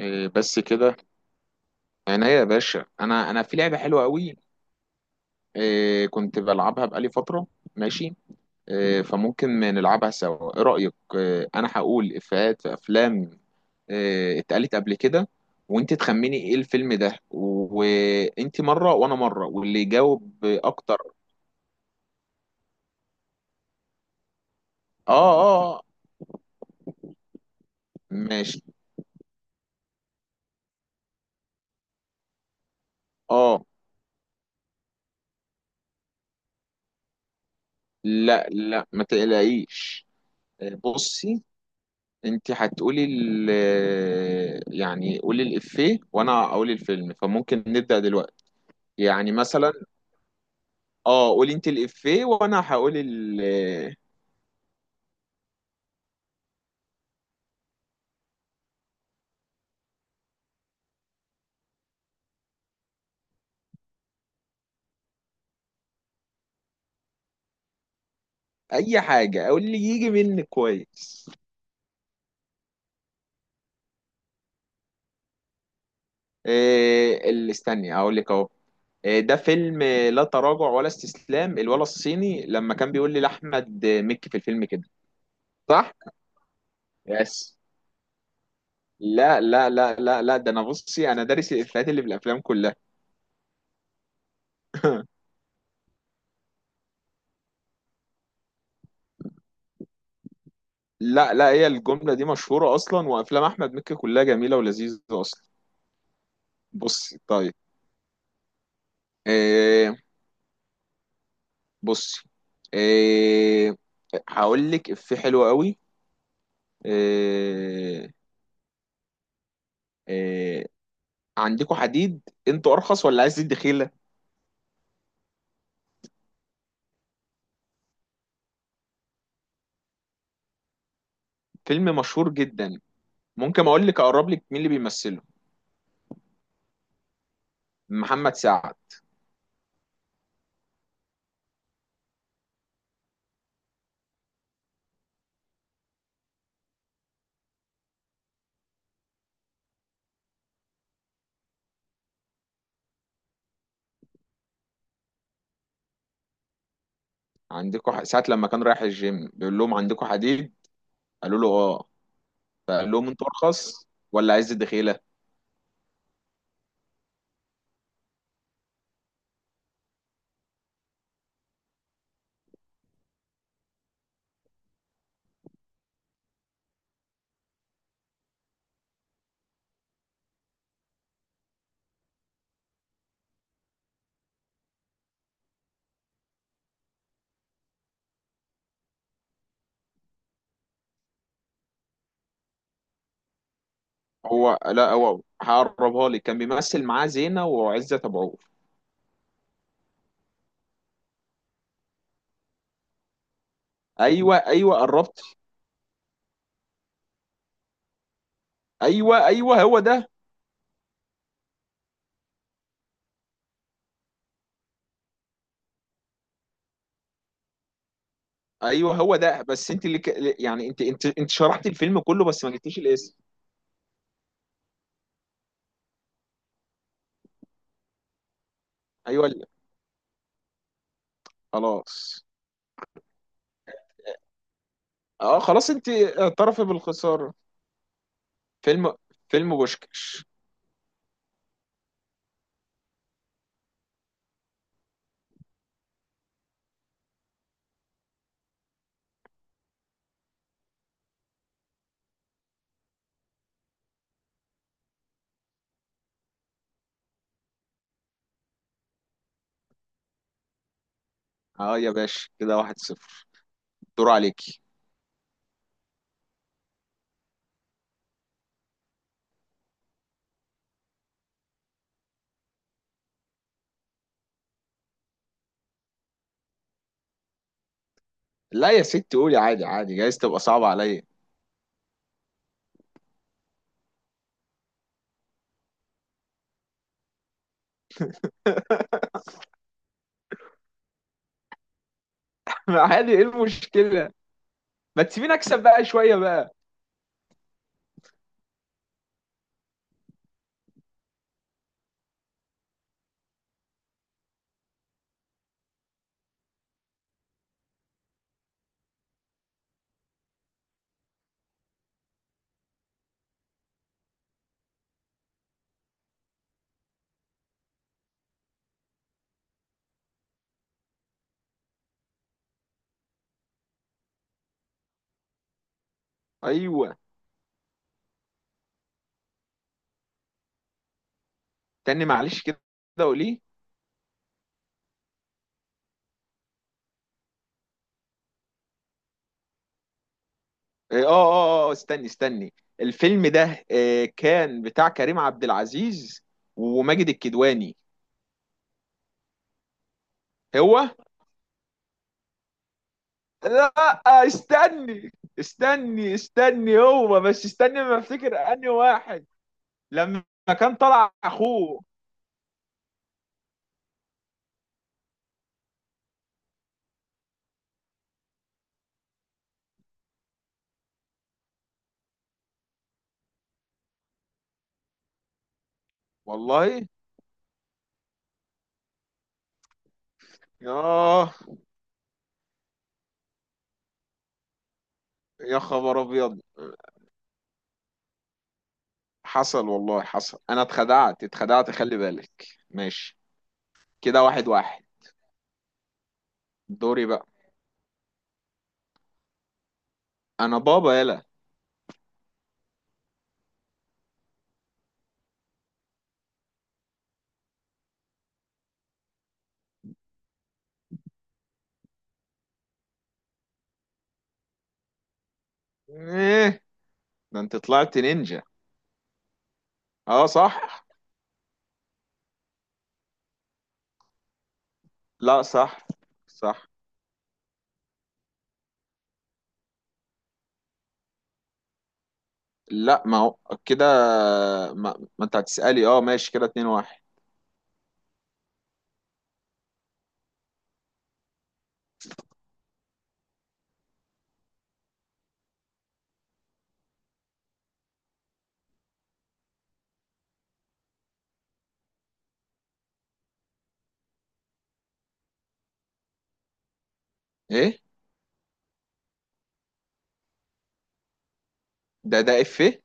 إيه بس كده؟ يعني يا باشا، انا في لعبه حلوه قوي. إيه، كنت بلعبها بقالي فتره. ماشي. إيه فممكن نلعبها سوا، ايه رايك؟ إيه، انا هقول افيهات في افلام إيه اتقالت قبل كده، وانت تخمني ايه الفيلم ده، وانت مره وانا مره واللي يجاوب اكتر. اه اه آه، ماشي. اه. لا، لا ما تقلقيش. إيه بصي، انت هتقولي يعني قولي الإفيه وانا اقول الفيلم، فممكن نبدأ دلوقتي، يعني مثلا. اه قولي انت الإفيه وانا هقول اي حاجة، اقول اللي يجي منك كويس. إيه اللي، استني اقول لك اهو. إيه، ده فيلم؟ لا تراجع ولا استسلام. الولا الصيني لما كان بيقول لي لاحمد مكي في الفيلم كده. صح. يس. لا لا لا لا لا، ده انا بصي انا دارس الإفيهات اللي في الافلام كلها. لا لا، هي الجملة دي مشهورة أصلا، وأفلام أحمد مكي كلها جميلة ولذيذة أصلا. بصي طيب. إيه بصي. إيه، هقول لك إفيه حلو قوي. إيه، إيه، عندكوا حديد؟ أنتوا أرخص ولا عايز تدي خيلة؟ فيلم مشهور جدا. ممكن أقول لك أقرب لك مين اللي بيمثله؟ محمد سعد. ساعة لما كان رايح الجيم بيقول لهم عندكوا حديد، قالوا له آه، فقال لهم أنتوا أرخص ولا عايز تدي خيلة؟ هو، لا، هو هقربها لك. كان بيمثل معاه زينة وعزت ابو عوف. ايوه ايوه قربت. ايوه ايوه هو ده. ايوه هو ده، بس انت يعني انت شرحت الفيلم كله، بس ما جبتيش الاسم. ايوه خلاص. اه خلاص، انت اعترفي بالخسارة. فيلم فيلم بوشكش. اه يا باشا، كده واحد صفر. دور عليكي. لا يا ست، قولي عادي، عادي جايز تبقى صعبة عليا. عادي، ايه المشكلة؟ ما تسيبيني اكسب بقى شوية بقى. ايوه، تاني معلش كده، قولي. اه اه اه استني استني. الفيلم ده كان بتاع كريم عبد العزيز وماجد الكدواني. هو، لا، استني استني استني هو. بس استني، ما افتكر انهي واحد لما كان طلع اخوه. والله. ياه. يا خبر ابيض. حصل والله حصل، انا اتخدعت اتخدعت، خلي بالك. ماشي. كده واحد واحد. دوري بقى. انا بابا، يلا. ايه، ده انت طلعت نينجا. اه صح. لا صح، صح. لا ما هو كده. ما انت هتسألي. اه ماشي كده، اتنين واحد. ايه، ده افيه.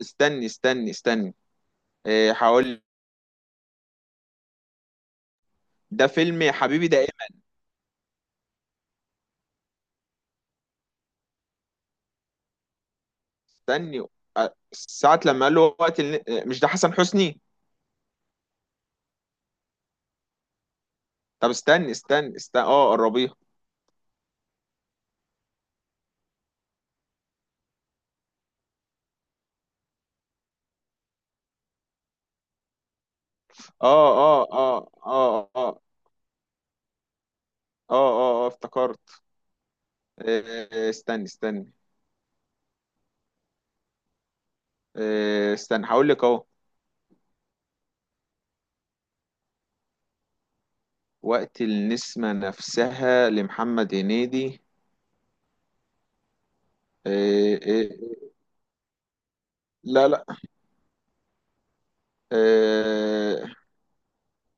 استني استني استني. ايه هقول. ده فيلم يا حبيبي، ده ايه؟ استني. اه، ساعة لما قال له وقت مش ده حسن حسني؟ طب استني استني استني، اه قربيها. اه اه اه اه اه اه اه اه، افتكرت. ايه، ايه، إيه، استني استني. ايه، استني هقول لك اهو. وقت النسمة نفسها لمحمد هنيدي. إيه، إيه، لا لا. آه،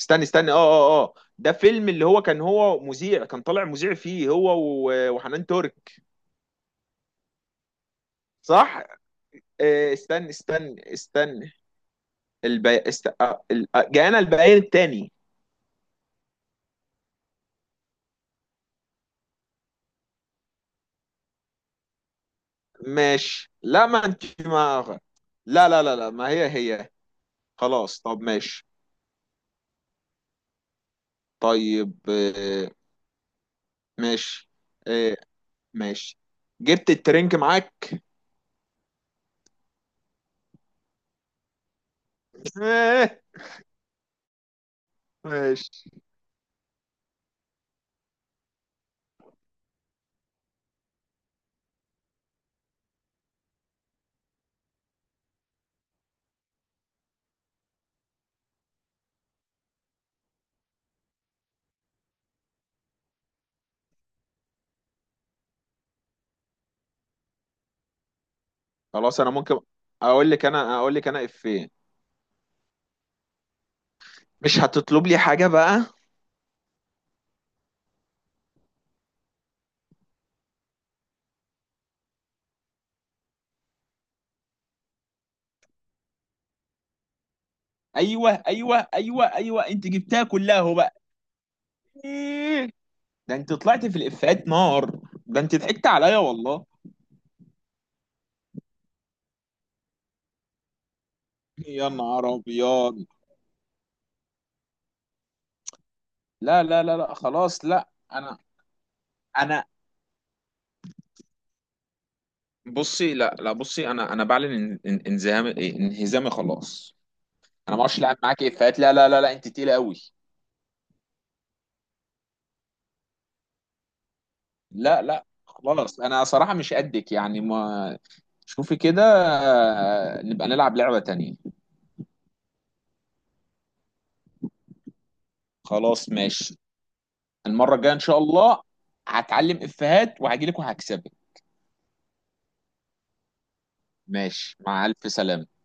استني استني اه اه اه، ده فيلم، اللي هو كان هو مذيع، كان طالع مذيع فيه هو و- وحنان ترك. صح. استني استني استني. البي... است... آه، ال- آه، جاءنا البيان التاني. ماشي. لا لا لا لا، ما هي هي. خلاص، طب ماشي. طيب ماشي. آه، ماشي. جبت الترنك معاك. آه، ماشي. خلاص انا ممكن اقول لك انا افيه. مش هتطلب لي حاجة بقى. ايوه ايوه ايوه ايوه، انت جبتها كلها اهو بقى. إيه؟ ده انت طلعت في الافيهات نار. ده انت ضحكت عليا والله. يا نهار ابيض. لا لا لا لا خلاص. لا، انا بصي. لا لا بصي، انا بعلن ان- ان- انزهامي إيه، انهزامي خلاص. انا ما اعرفش العب معاك افيهات. لا لا لا لا، انت تقيله قوي. لا لا خلاص، انا صراحه مش قدك يعني ما. شوفي كده، نبقى نلعب لعبه تانية. خلاص ماشي. المره الجايه ان شاء الله هتعلم افيهات وهجيلك وهكسبك. ماشي، مع الف سلامه.